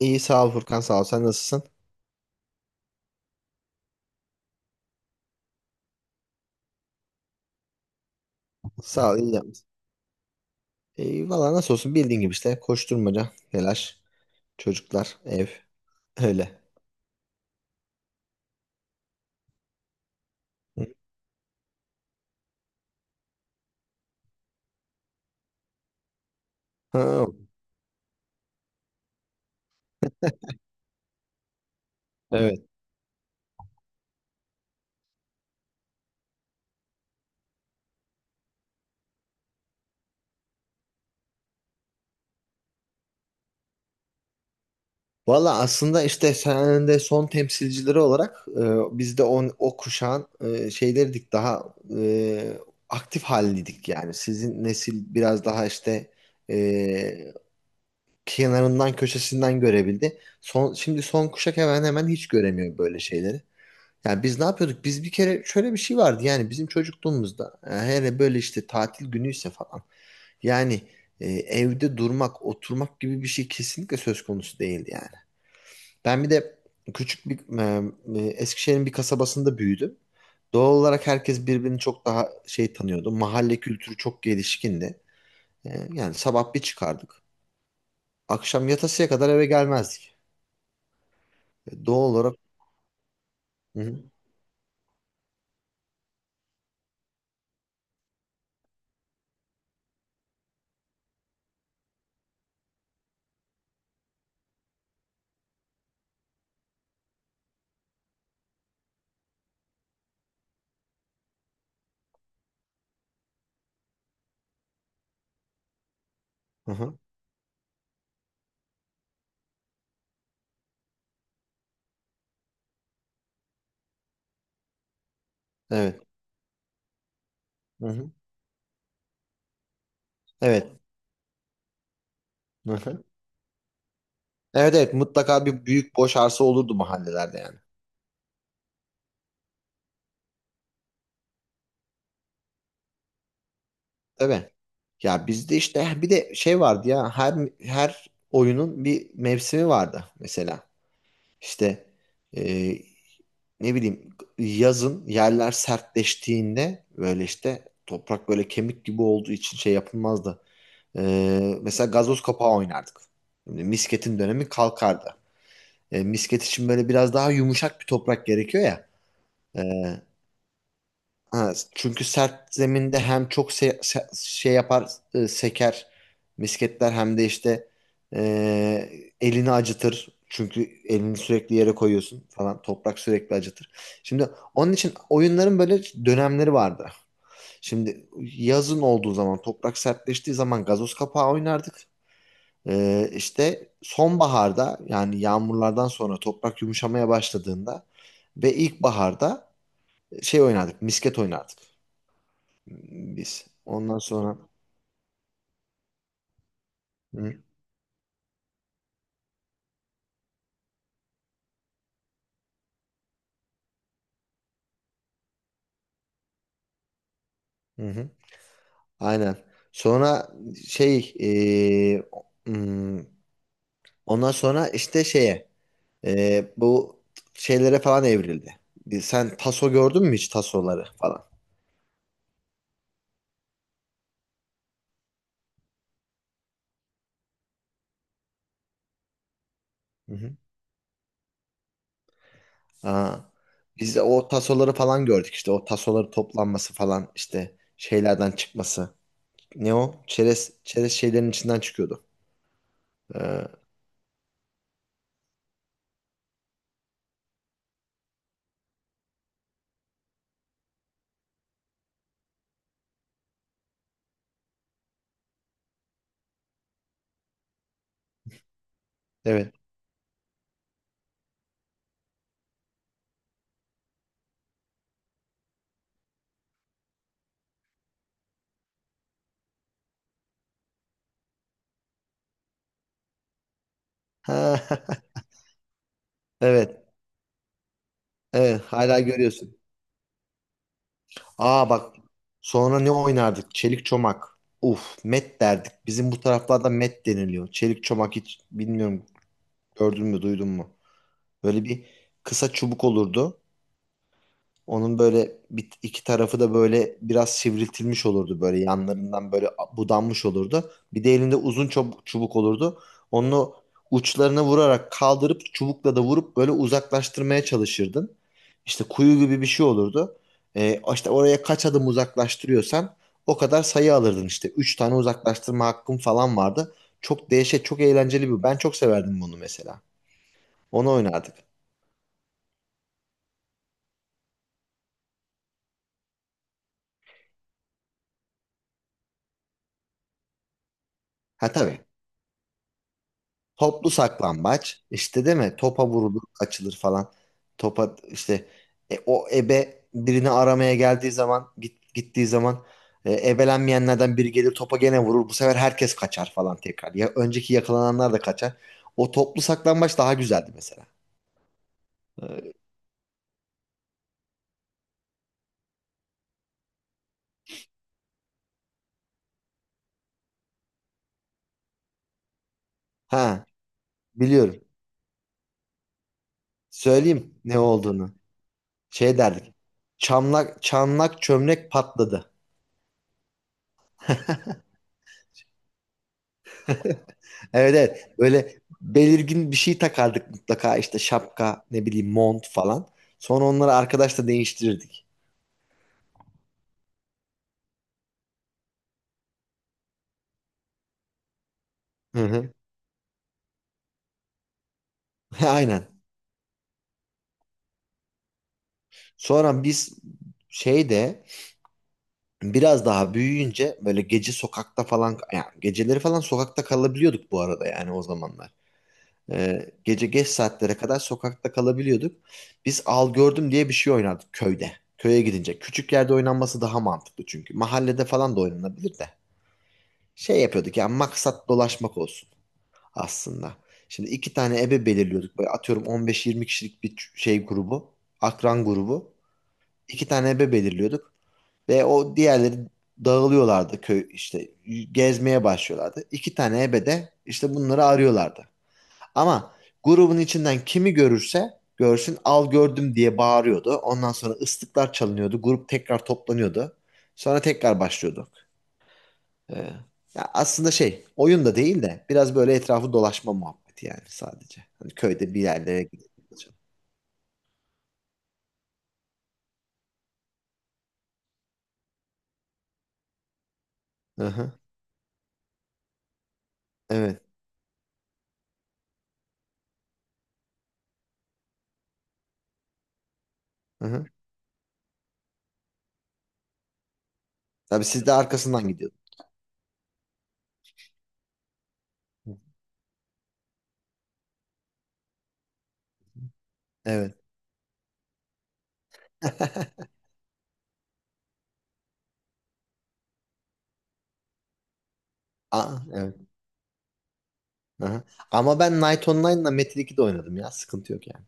İyi sağ ol Furkan, sağ ol. Sen nasılsın? Sağ ol, iyi yapmışsın. İyi valla, nasıl olsun, bildiğin gibi işte koşturmaca, telaş, çocuklar, ev, öyle. Ha, evet. Valla aslında işte sen de son temsilcileri olarak biz de o kuşağın şeylerdik daha aktif haldeydik yani. Sizin nesil biraz daha işte e, kenarından köşesinden görebildi. Şimdi son kuşak hemen hemen hiç göremiyor böyle şeyleri. Yani biz ne yapıyorduk? Biz bir kere şöyle bir şey vardı yani, bizim çocukluğumuzda hele böyle işte tatil günüyse falan, yani evde durmak, oturmak gibi bir şey kesinlikle söz konusu değildi yani. Ben bir de küçük bir Eskişehir'in bir kasabasında büyüdüm. Doğal olarak herkes birbirini çok daha şey tanıyordu. Mahalle kültürü çok gelişkindi. Yani sabah bir çıkardık. Akşam yatasıya kadar eve gelmezdik. Doğal olarak. Hı hı. Hı hı. Evet. Hı hı. Evet. Hı hı. Evet, evet, mutlaka bir büyük boş arsa olurdu mahallelerde yani. Tabii. Ya bizde işte bir de şey vardı ya, her oyunun bir mevsimi vardı mesela. İşte e, ne bileyim, yazın yerler sertleştiğinde böyle işte toprak böyle kemik gibi olduğu için şey yapılmazdı. E, Mesela gazoz kapağı oynardık. Şimdi misketin dönemi kalkardı. Misket için böyle biraz daha yumuşak bir toprak gerekiyor ya. E, Ha, çünkü sert zeminde hem çok şey yapar, seker misketler, hem de işte elini acıtır. Çünkü elini sürekli yere koyuyorsun falan. Toprak sürekli acıtır. Şimdi onun için oyunların böyle dönemleri vardı. Şimdi yazın olduğu zaman, toprak sertleştiği zaman gazoz kapağı oynardık. İşte sonbaharda, yani yağmurlardan sonra toprak yumuşamaya başladığında ve ilkbaharda şey oynardık, misket oynardık biz. Ondan sonra. Hı, hı hı. Aynen. Sonra şey, hmm, ondan sonra işte şeye, bu şeylere falan evrildi. Sen taso gördün mü hiç, tasoları falan? Hı hı. Aa, biz de o tasoları falan gördük işte, o tasoları toplanması falan, işte şeylerden çıkması. Ne o? Çerez şeylerin içinden çıkıyordu. Ee, evet. Ha, evet. Evet. Hala görüyorsun. Aa, bak, sonra ne oynardık? Çelik çomak. Uf, met derdik. Bizim bu taraflarda met deniliyor. Çelik çomak hiç bilmiyorum, gördün mü, duydun mu? Böyle bir kısa çubuk olurdu. Onun böyle, bir iki tarafı da böyle biraz sivriltilmiş olurdu, böyle yanlarından böyle budanmış olurdu. Bir de elinde uzun çubuk olurdu. Onu uçlarına vurarak kaldırıp, çubukla da vurup böyle uzaklaştırmaya çalışırdın. İşte kuyu gibi bir şey olurdu. İşte oraya kaç adım uzaklaştırıyorsan, o kadar sayı alırdın işte. Üç tane uzaklaştırma hakkın falan vardı. Çok değişik, çok eğlenceli bir. Ben çok severdim bunu mesela. Onu oynardık. Ha, tabii. Toplu saklambaç işte, değil mi? Topa vurulur, açılır falan. Topa işte, o ebe birini aramaya geldiği zaman, gittiği zaman ebelenmeyenlerden biri gelir, topa gene vurur. Bu sefer herkes kaçar falan tekrar. Ya önceki yakalananlar da kaçar. O toplu saklambaç daha güzeldi mesela. Ee, Ha, biliyorum. Söyleyeyim ne olduğunu. Şey derdik. Çamlak çamlak çömlek patladı. Evet, evet. Böyle belirgin bir şey takardık mutlaka, işte şapka, ne bileyim, mont falan. Sonra onları arkadaşla değiştirirdik. Hı hı. Aynen. Sonra biz şeyde, biraz daha büyüyünce böyle gece sokakta falan, yani geceleri falan sokakta kalabiliyorduk bu arada, yani o zamanlar. Gece geç saatlere kadar sokakta kalabiliyorduk. Biz al gördüm diye bir şey oynardık köyde. Köye gidince. Küçük yerde oynanması daha mantıklı çünkü. Mahallede falan da oynanabilir de. Şey yapıyorduk, yani maksat dolaşmak olsun aslında. Şimdi iki tane ebe belirliyorduk. Böyle atıyorum 15-20 kişilik bir şey grubu, akran grubu. İki tane ebe belirliyorduk ve o diğerleri dağılıyorlardı, köy işte gezmeye başlıyorlardı. İki tane ebe de işte bunları arıyorlardı. Ama grubun içinden kimi görürse görsün, al gördüm diye bağırıyordu. Ondan sonra ıslıklar çalınıyordu. Grup tekrar toplanıyordu. Sonra tekrar başlıyorduk. Ee, Ya aslında şey, oyun da değil de biraz böyle etrafı dolaşma muhabbeti yani sadece. Hani köyde bir yerlere gidiyor. Hı hı. Evet. Hı hı. Tabii, siz de arkasından gidiyordunuz. Evet. Aa, evet. Hı hı. Ama ben Night Online'la Metin 2'de oynadım ya. Sıkıntı yok yani.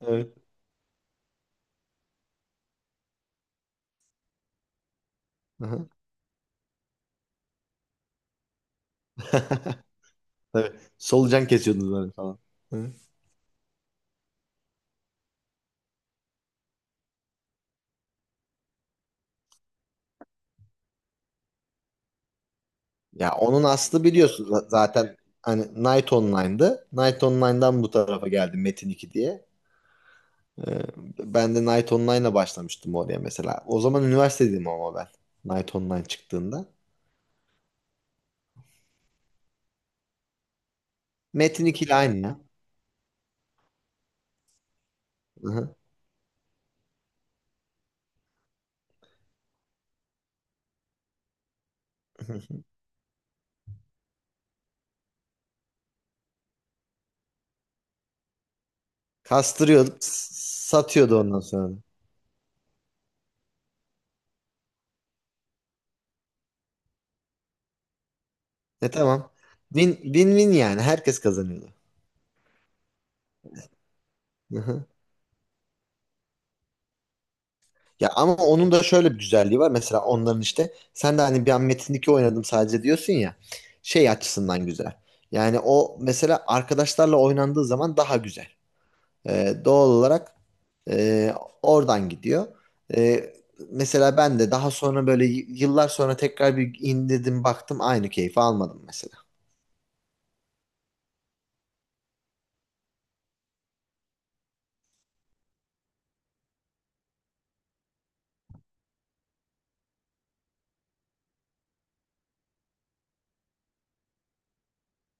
Evet. Hı hı. Tabii. Solucan kesiyordunuz böyle falan. Hı. Ya onun aslı biliyorsun zaten hani Night Online'dı. Night Online'dan bu tarafa geldi Metin 2 diye. Ee, Ben de Night Online'la başlamıştım oraya mesela. O zaman üniversitedeydim ama ben. Night Online çıktığında. Metin 2 ile aynı ya. Hı hı. Kastırıyordu, satıyordu ondan sonra. E, tamam. Win, win win yani. Herkes kazanıyordu. Hı hı. Ya ama onun da şöyle bir güzelliği var. Mesela onların işte, sen de hani bir an Metin 2 oynadım sadece diyorsun ya. Şey açısından güzel. Yani o, mesela arkadaşlarla oynandığı zaman daha güzel. Doğal olarak e, oradan gidiyor. E, Mesela ben de daha sonra böyle yıllar sonra tekrar bir indirdim, baktım aynı keyfi almadım mesela.